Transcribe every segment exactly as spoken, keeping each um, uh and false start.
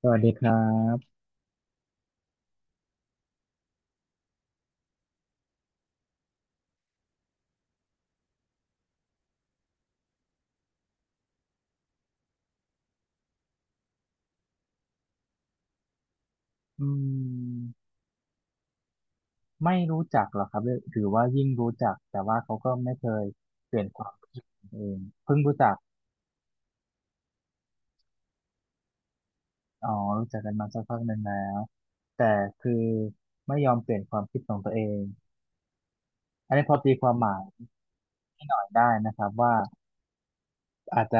สวัสดีครับอืมไม่รู้จักหรอกครับหรือว่ายิ่งรู้จักแต่ว่าเขาก็ไม่เคยเปลี่ยนความเิดเองเพิ่งรู้จักอ๋อรู้จักกันมาสักพักหนึ่งแล้วแต่คือไม่ยอมเปลี่ยนความคิดของตัวเอง อันนี้พอตีความหมายให้หน่อยได้นะครับว่าอาจจะ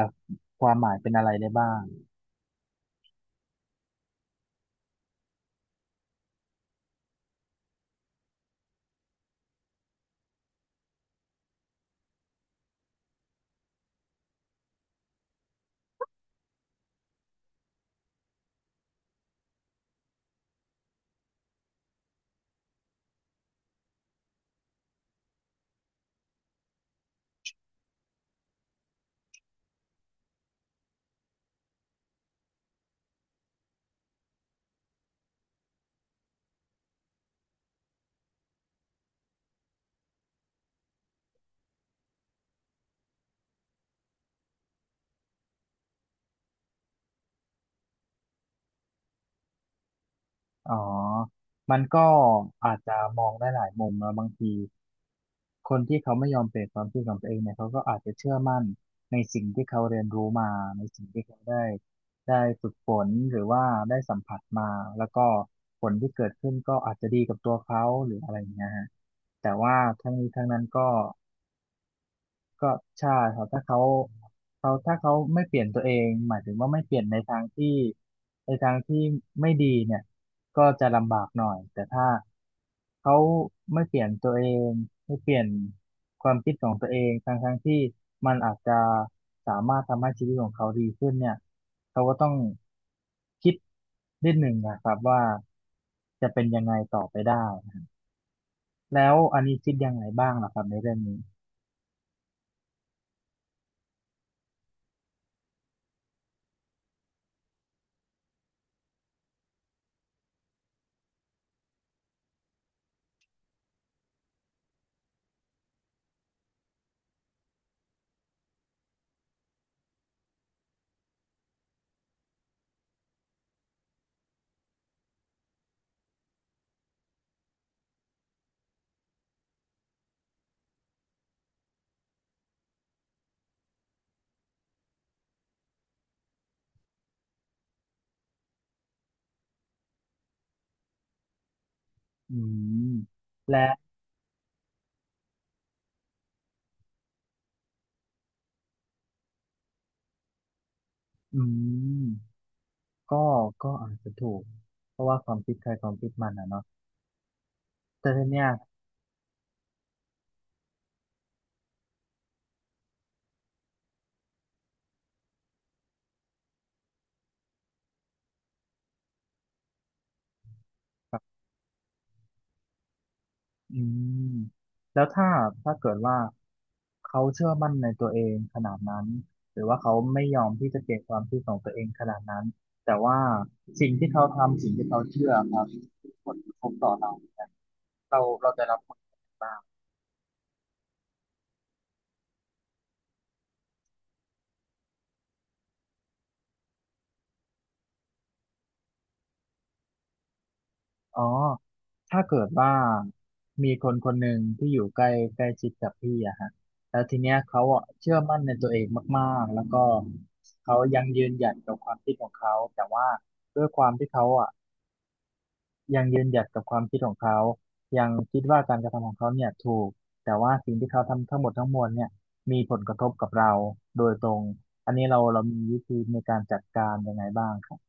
ความหมายเป็นอะไรได้บ้างอ๋อมันก็อาจจะมองได้หลายมุมนะบางที คนที่เขาไม่ยอมเปลี่ยนความคิดของตัวเองเนี่ยเขาก็อาจจะเชื่อมั่นในสิ่งที่เขาเรียนรู้มาในสิ่งที่เขาได้ได้ฝึกฝนหรือว่าได้สัมผัสมาแล้วก็ผลที่เกิดขึ้นก็อาจจะดีกับตัวเขาหรืออะไรอย่างเงี้ยฮะแต่ว่าทั้งนี้ทั้งนั้นก็ ก็ใช่ครับถ้าเขาเขาถ้าเขาไม่เปลี่ยนตัวเองหมายถึงว่าไม่เปลี่ยนในทางที่ในทางที่ไม่ดีเนี่ยก็จะลำบากหน่อย แต่ถ้าเขาไม่เปลี่ยนตัวเองไม่เปลี่ยนความคิดของตัวเองทั้งทั้งที่มันอาจจะสามารถทำให้ชีวิตของเขาดีขึ้นเนี่ยเขาก็ต้องคิดนิดหนึ่งนะครับว่าจะเป็นยังไงต่อไปได้แล้วอันนี้คิดยังไงบ้างล่ะครับในเรื่องนี้อืมและ อืมก็ก็อาจจะถูกเพราะว่าความคิดใครความคิดมันอ่ะเนาะแต่ทีเนี้ยแบบอืมแล้วถ้าถ้าเกิดว่าเขาเชื่อมั่นในตัวเองขนาดนั้นหรือว่าเขาไม่ยอมที่จะเปลี่ยนความคิดของตัวเองขนาดนั้นแต่ว่าสิ่งที่เขาทำสิ่งที่เขาเชื่อครับมีผลกระทบต่อเราเนี่ยเราเราจะรับผลยังไงบ้าง อ๋อถ้าเกิดว่ามีคนคนหนึ่งที่อยู่ใกล้ใกล้ชิดกับพี่อะฮะแล้วทีเนี้ยเขาอะเชื่อมั่นในตัวเองมากๆแล้วก็เขายังยืนหยัดกับความคิดของเขาแต่ว่าด้วยความที่เขาอะยังยืนหยัดกับความคิดของเขายังคิดว่าการกระทำของเขาเนี่ยถูกแต่ว่าสิ่งที่เขาทำทั้งหมดทั้งมวลเนี่ยมีผลกระทบกับเราโดยตรงอันนี้เราเรามีวิธีในการจัดการยังไงบ้างครับ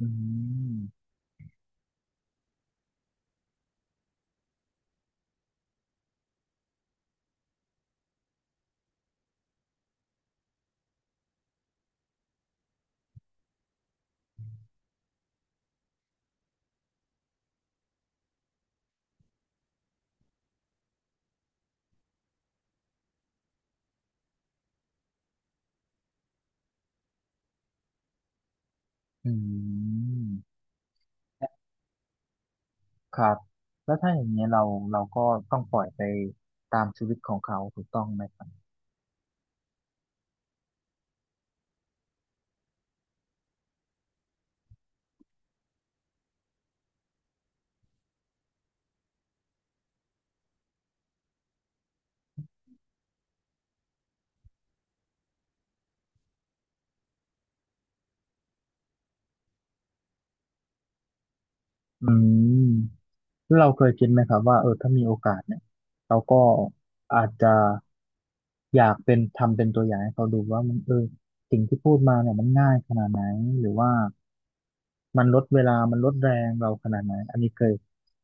อืมอืม ครับแล้วถ้าอย่างเงี้ยเราเราก็ต้องปล่อยไปตามชีวิตของเขาถูกต้องไหมครับอืมแล้วเราเคยคิดไหมครับว่าเออถ้ามีโอกาสเนี่ยเราก็อาจจะอยากเป็นทำเป็นตัวอย่างให้เขาดูว่ามันเออสิ่งที่พูดมาเนี่ยมันง่ายขนาดไหนหรือว่ามันลดเวลามันลดแรงเราขนาดไหนอันนี้เคย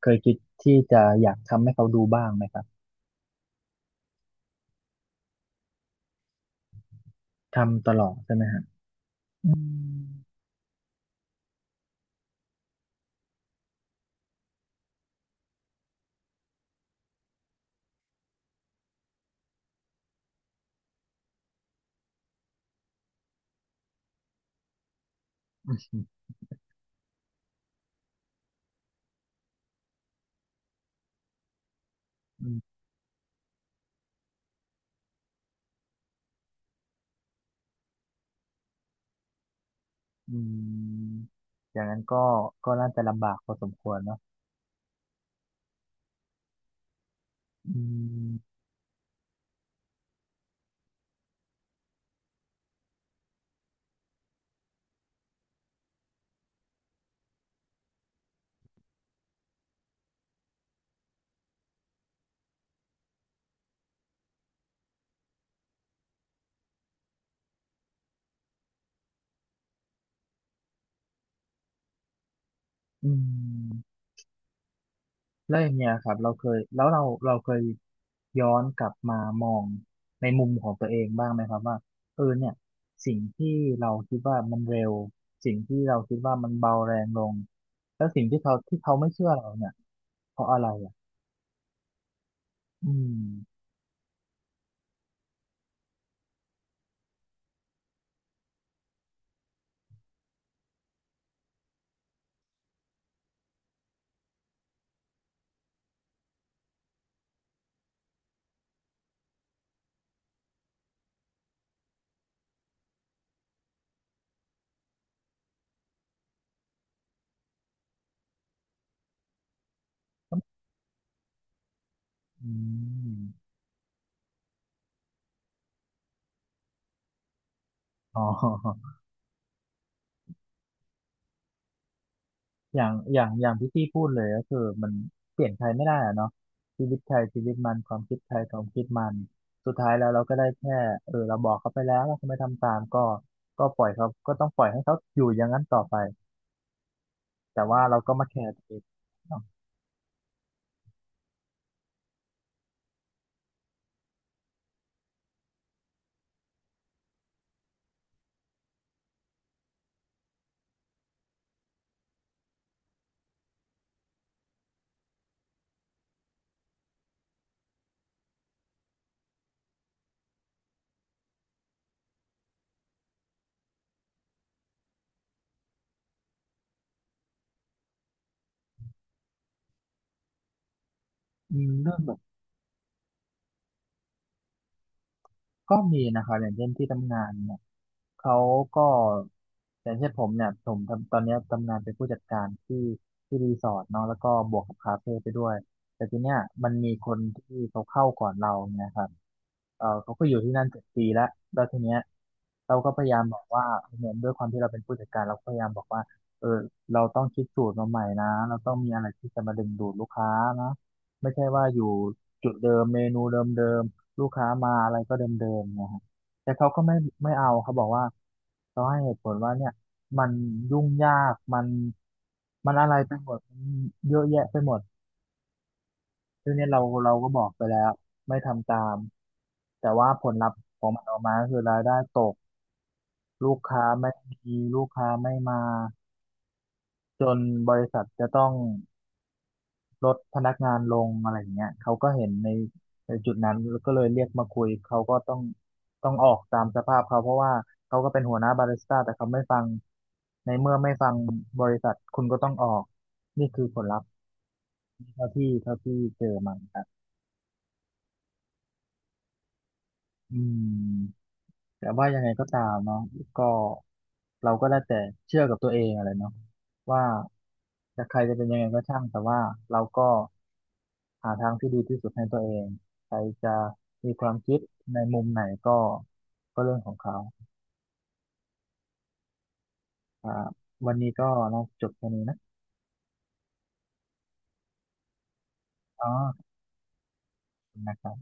เคยคิดที่จะอยากทำให้เขาดูบ้างไหมครับทำตลอดใช่ไหมฮะอืม อืมอย่างนั้นก็ก็น่าจะลำบากพอสมควรเนาะอืมอืมแล้วอย่างเงี้ยครับเราเคยแล้วเราเราเคยย้อนกลับมามองในมุมของตัวเองบ้างไหมครับว่าเออเนี่ยสิ่งที่เราคิดว่ามันเร็วสิ่งที่เราคิดว่ามันเบาแรงลงแล้วสิ่งที่เขาที่เขาไม่เชื่อเราเนี่ยเพราะอะไรอ่ะอืมอืมอ๋อ อย่างอย่างอย่างที่พี่พูดเลยก็คือมันเปลี่ยนใครไม่ได้อะเนาะชีวิตใครชีวิตมันความคิดใครความคิดมันสุดท้ายแล้วเราก็ได้แค่เออเราบอกเขาไปแล้วว่าเขาไม่ทำตามก็ก็ปล่อยเขาก็ต้องปล่อยให้เขาอยู่อย่างนั้นต่อไปแต่ว่าเราก็มาแคร์ตัวเองเนาะอืมเรื่องแบบก็มีนะคะอย่างเช่นที่ทำงานเนี่ย เขาก็อย่างเช่นผมเนี่ยผมทำตอนเนี้ยทำงานเป็นผู้จัดการที่ที่รีสอร์ทเนาะแล้วก็บวกกับคาเฟ่ไปด้วยแต่ทีเนี้ยมันมีคนที่เขาเข้าก่อนเราเนี่ยครับเออเขาก็อยู่ที่นั่นเจ็ดปีแล้วแล้วทีเนี้ยเราก็พยายามบอกว่าเนี่ยด้วยความที่เราเป็นผู้จัดการเราก็พยายามบอกว่าเออเราต้องคิดสูตรมาใหม่นะเราต้องมีอะไรที่จะมาดึงดูดลูกค้านะไม่ใช่ว่าอยู่จุดเดิมเมนูเดิมๆลูกค้ามาอะไรก็เดิมๆเนะ แต่เขาก็ไม่ไม่เอาเขาบอกว่าเขาให้เหตุผลว่าเนี่ยมันยุ่งยากมันมันอะไรไปหมดมันเยอะแยะไปหมดซึ่งเนี่ยเราเราก็บอกไปแล้วไม่ทำตามแต่ว่าผลลัพธ์ของมันออกมาก็คือรายได้ตกลูกค้าไม่มีลูกค้าไม่มาจนบริษัทจะต้อง ลดพนักงานลงอะไรอย่างเงี้ยเขาก็เห็นในในจุดนั้นแล้วก็เลยเรียกมาคุยเขาก็ต้องต้องออกตามสภาพเขาเพราะว่าเขาก็เป็นหัวหน้าบาริสต้าแต่เขาไม่ฟังในเมื่อไม่ฟังบริษัทคุณก็ต้องออกนี่คือผลลัพธ์เท่าที่เท่าที่เจอมาครับอืมแต่ว่ายังไงก็ตามเนาะก็เราก็ได้แต่เชื่อกับตัวเองอะไรเนาะว่าจะใครจะเป็นยังไงก็ช่างแต่ว่าเราก็ หาทางที่ดีที่สุดให้ตัวเองใครจะมีความคิดในมุมไหนก็ก็เรื่องของเขาอ่าวันนี้ก็น่าจะจบแค่นี้นะ อ๋อขอบคุณนะครับ